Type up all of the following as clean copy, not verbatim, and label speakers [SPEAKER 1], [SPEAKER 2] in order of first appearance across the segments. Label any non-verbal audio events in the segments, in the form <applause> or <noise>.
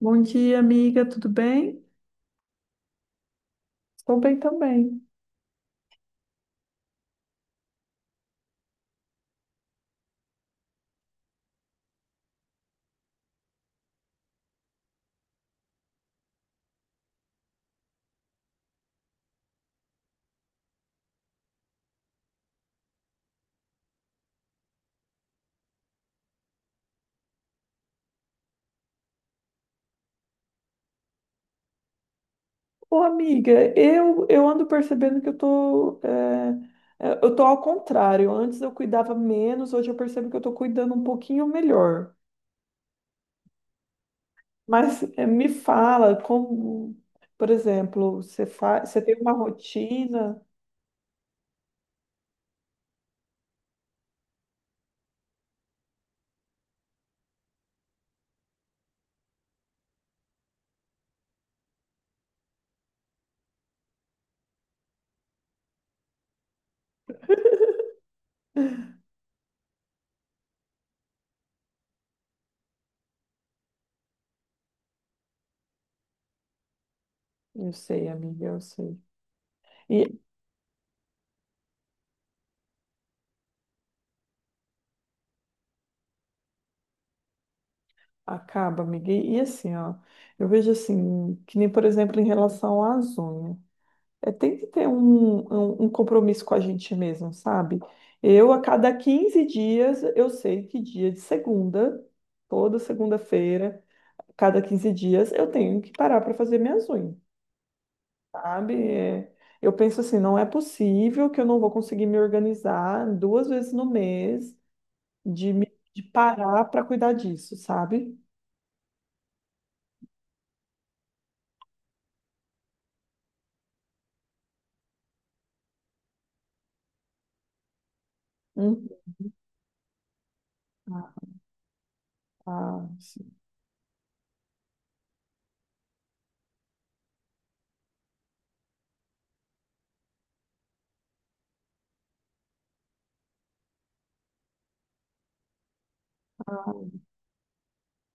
[SPEAKER 1] Bom dia, amiga, tudo bem? Estou bem também. Ô, amiga, eu ando percebendo que eu tô, eu tô ao contrário. Antes eu cuidava menos, hoje eu percebo que eu tô cuidando um pouquinho melhor. Mas é, me fala como, por exemplo, você faz, você tem uma rotina? Eu sei, amiga, eu sei. E acaba, amiga. E assim, ó, eu vejo assim, que nem, por exemplo, em relação às unhas. É, tem que ter um compromisso com a gente mesmo, sabe? Eu, a cada 15 dias, eu sei que dia de segunda, toda segunda-feira, cada 15 dias, eu tenho que parar para fazer minhas unhas, sabe? É, eu penso assim, não é possível que eu não vou conseguir me organizar 2 vezes no mês de, de parar para cuidar disso, sabe? Hum. Ah, ah.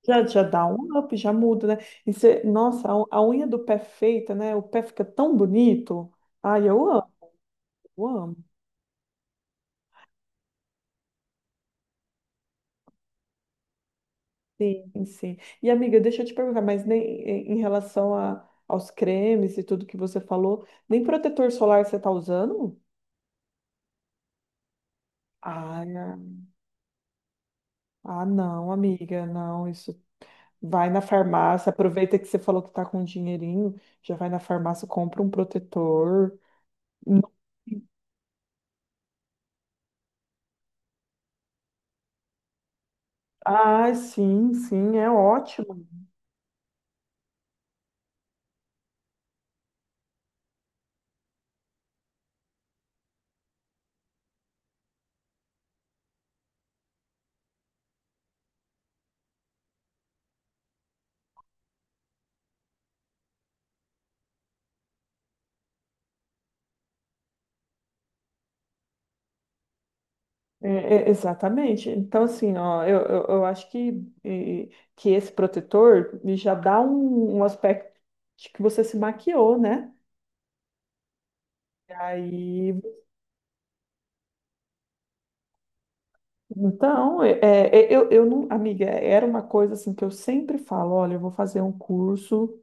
[SPEAKER 1] Já, já dá um up, já muda, né? Nossa, a unha do pé feita, né? O pé fica tão bonito. Ai, eu amo. Sim, sim. E amiga, deixa eu te perguntar, mas nem em relação a, aos cremes e tudo que você falou, nem protetor solar você tá usando? Ah, ah, não, amiga, não, isso. Vai na farmácia, aproveita que você falou que tá com um dinheirinho, já vai na farmácia, compra um protetor. Ah, sim, sim, é ótimo. É, é, exatamente. Então, assim, ó, eu acho que, eh, que esse protetor ele já dá um, um aspecto de que você se maquiou, né? E aí, então, eu não, amiga, era uma coisa assim que eu sempre falo, olha, eu vou fazer um curso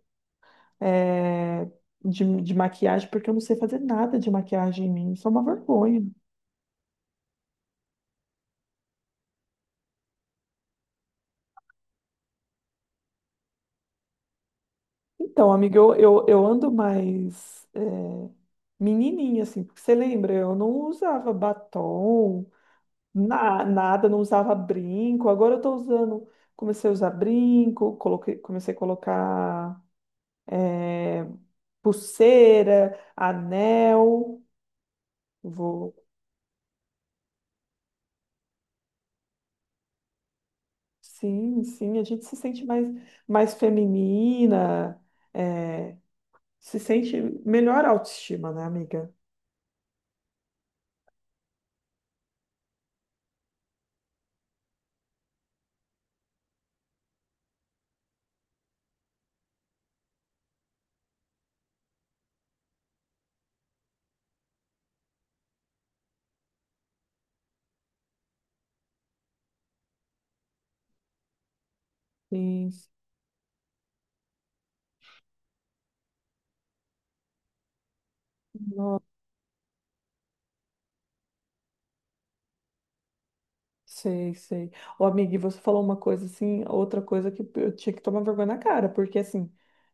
[SPEAKER 1] eh, de maquiagem, porque eu não sei fazer nada de maquiagem em mim, isso é uma vergonha. Então, amiga, eu ando mais menininha, assim, porque você lembra, eu não usava batom, nada, não usava brinco. Agora eu tô usando. Comecei a usar brinco, coloquei, comecei a colocar eh, pulseira, anel. Vou. Sim, sim, a gente se sente mais, mais feminina, eh, se sente melhor autoestima, né, amiga? Sim. Sei, sei. Ô, amiga, e você falou uma coisa assim, outra coisa que eu tinha que tomar vergonha na cara, porque assim,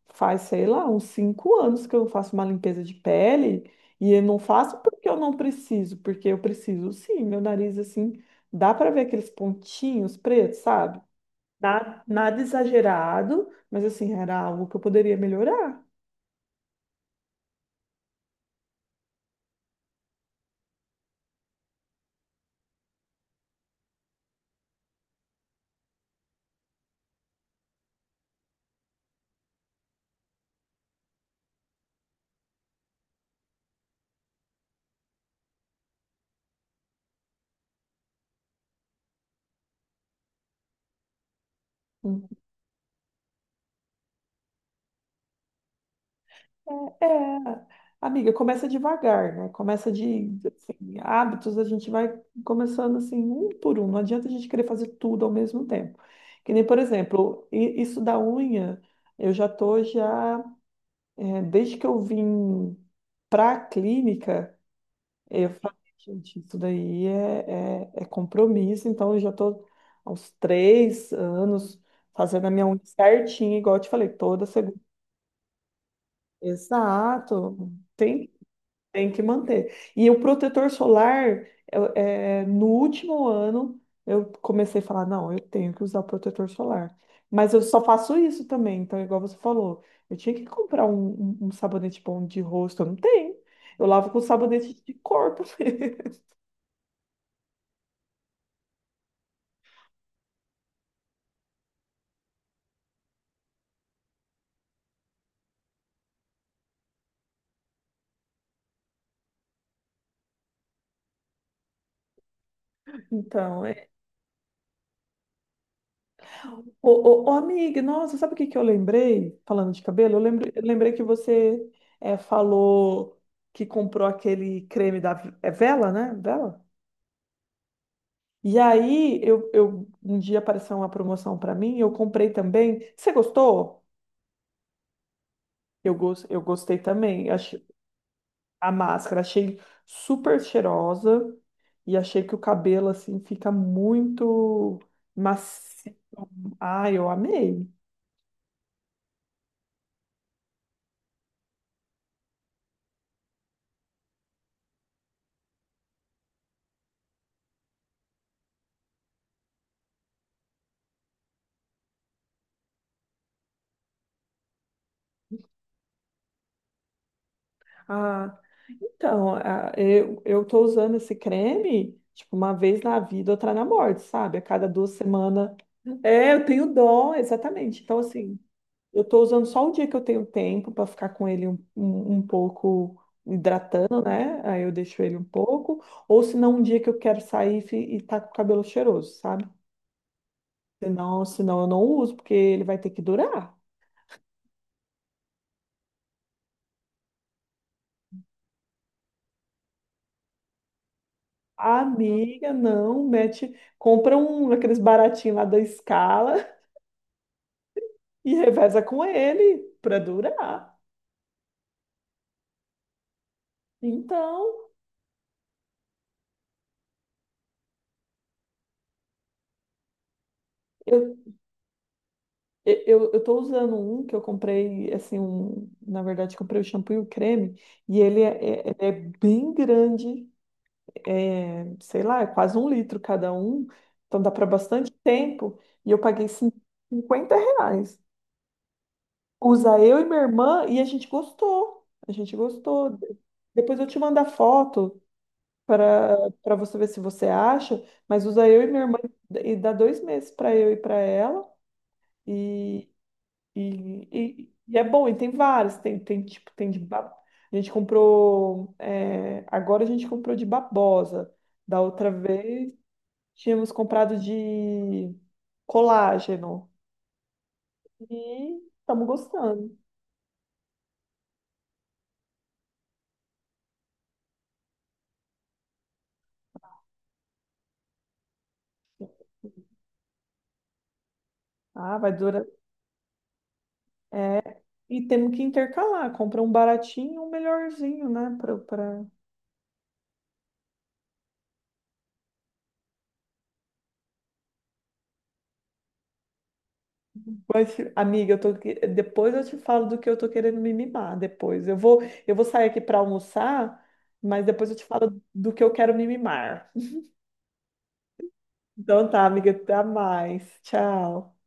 [SPEAKER 1] faz, sei lá, uns 5 anos que eu faço uma limpeza de pele e eu não faço porque eu não preciso, porque eu preciso sim, meu nariz assim, dá pra ver aqueles pontinhos pretos, sabe? Nada, nada exagerado, mas assim, era algo que eu poderia melhorar. É, amiga, começa devagar, né? Começa de, assim, hábitos, a gente vai começando assim, um por um. Não adianta a gente querer fazer tudo ao mesmo tempo. Que nem, por exemplo, isso da unha, eu já tô já, é, desde que eu vim para a clínica, eu falei, gente, isso daí é compromisso, então eu já tô há uns 3 anos fazendo a minha unha certinha, igual eu te falei, toda segunda. Exato. Tem Tem que manter. E o protetor solar, é, no último ano, eu comecei a falar, não, eu tenho que usar o protetor solar. Mas eu só faço isso também, então, igual você falou, eu tinha que comprar um, um sabonete bom de rosto, eu não tenho. Eu lavo com sabonete de corpo. <laughs> Então, é. Ô, ô, ô, amiga, nossa, sabe o que que eu lembrei? Falando de cabelo, eu lembrei que você é, falou que comprou aquele creme da é vela, né? Vela? E aí, um dia apareceu uma promoção para mim, eu comprei também. Você gostou? Eu gostei também. A máscara, achei super cheirosa e achei que o cabelo, assim, fica muito macio. Ah, eu amei. Ah, então, ah, eu tô usando esse creme, tipo, uma vez na vida, outra na morte, sabe? A cada 2 semanas. É, eu tenho dó, exatamente. Então, assim. Eu estou usando só o dia que eu tenho tempo para ficar com ele um pouco hidratando, né? Aí eu deixo ele um pouco. Ou se não, um dia que eu quero sair e, e tá com o cabelo cheiroso, sabe? Senão, senão eu não uso, porque ele vai ter que durar. Amiga, não, mete, compra um aqueles baratinhos lá da Scala <laughs> e reveza com ele para durar. Então, eu eu tô usando um que eu comprei, assim, um, na verdade, comprei o shampoo e o creme, e ele ele é bem grande, é, sei lá, é quase um litro cada um, então dá para bastante tempo, e eu paguei 50 reais. Usa eu e minha irmã, e a gente gostou, a gente gostou. Depois eu te mando a foto para você ver se você acha, mas usa eu e minha irmã, e dá 2 meses para eu e para ela. E é bom, e tem vários, tem, tem tipo, a gente comprou, é, agora a gente comprou de babosa. Da outra vez tínhamos comprado de colágeno. E estamos gostando. Ah, vai durar. E temos que intercalar, compra um baratinho e um melhorzinho, né? Pra, pra... Mas, amiga, eu tô... depois eu te falo do que eu tô querendo me mimar depois. Eu vou sair aqui para almoçar, mas depois eu te falo do que eu quero me mimar. Então tá, amiga, até mais. Tchau.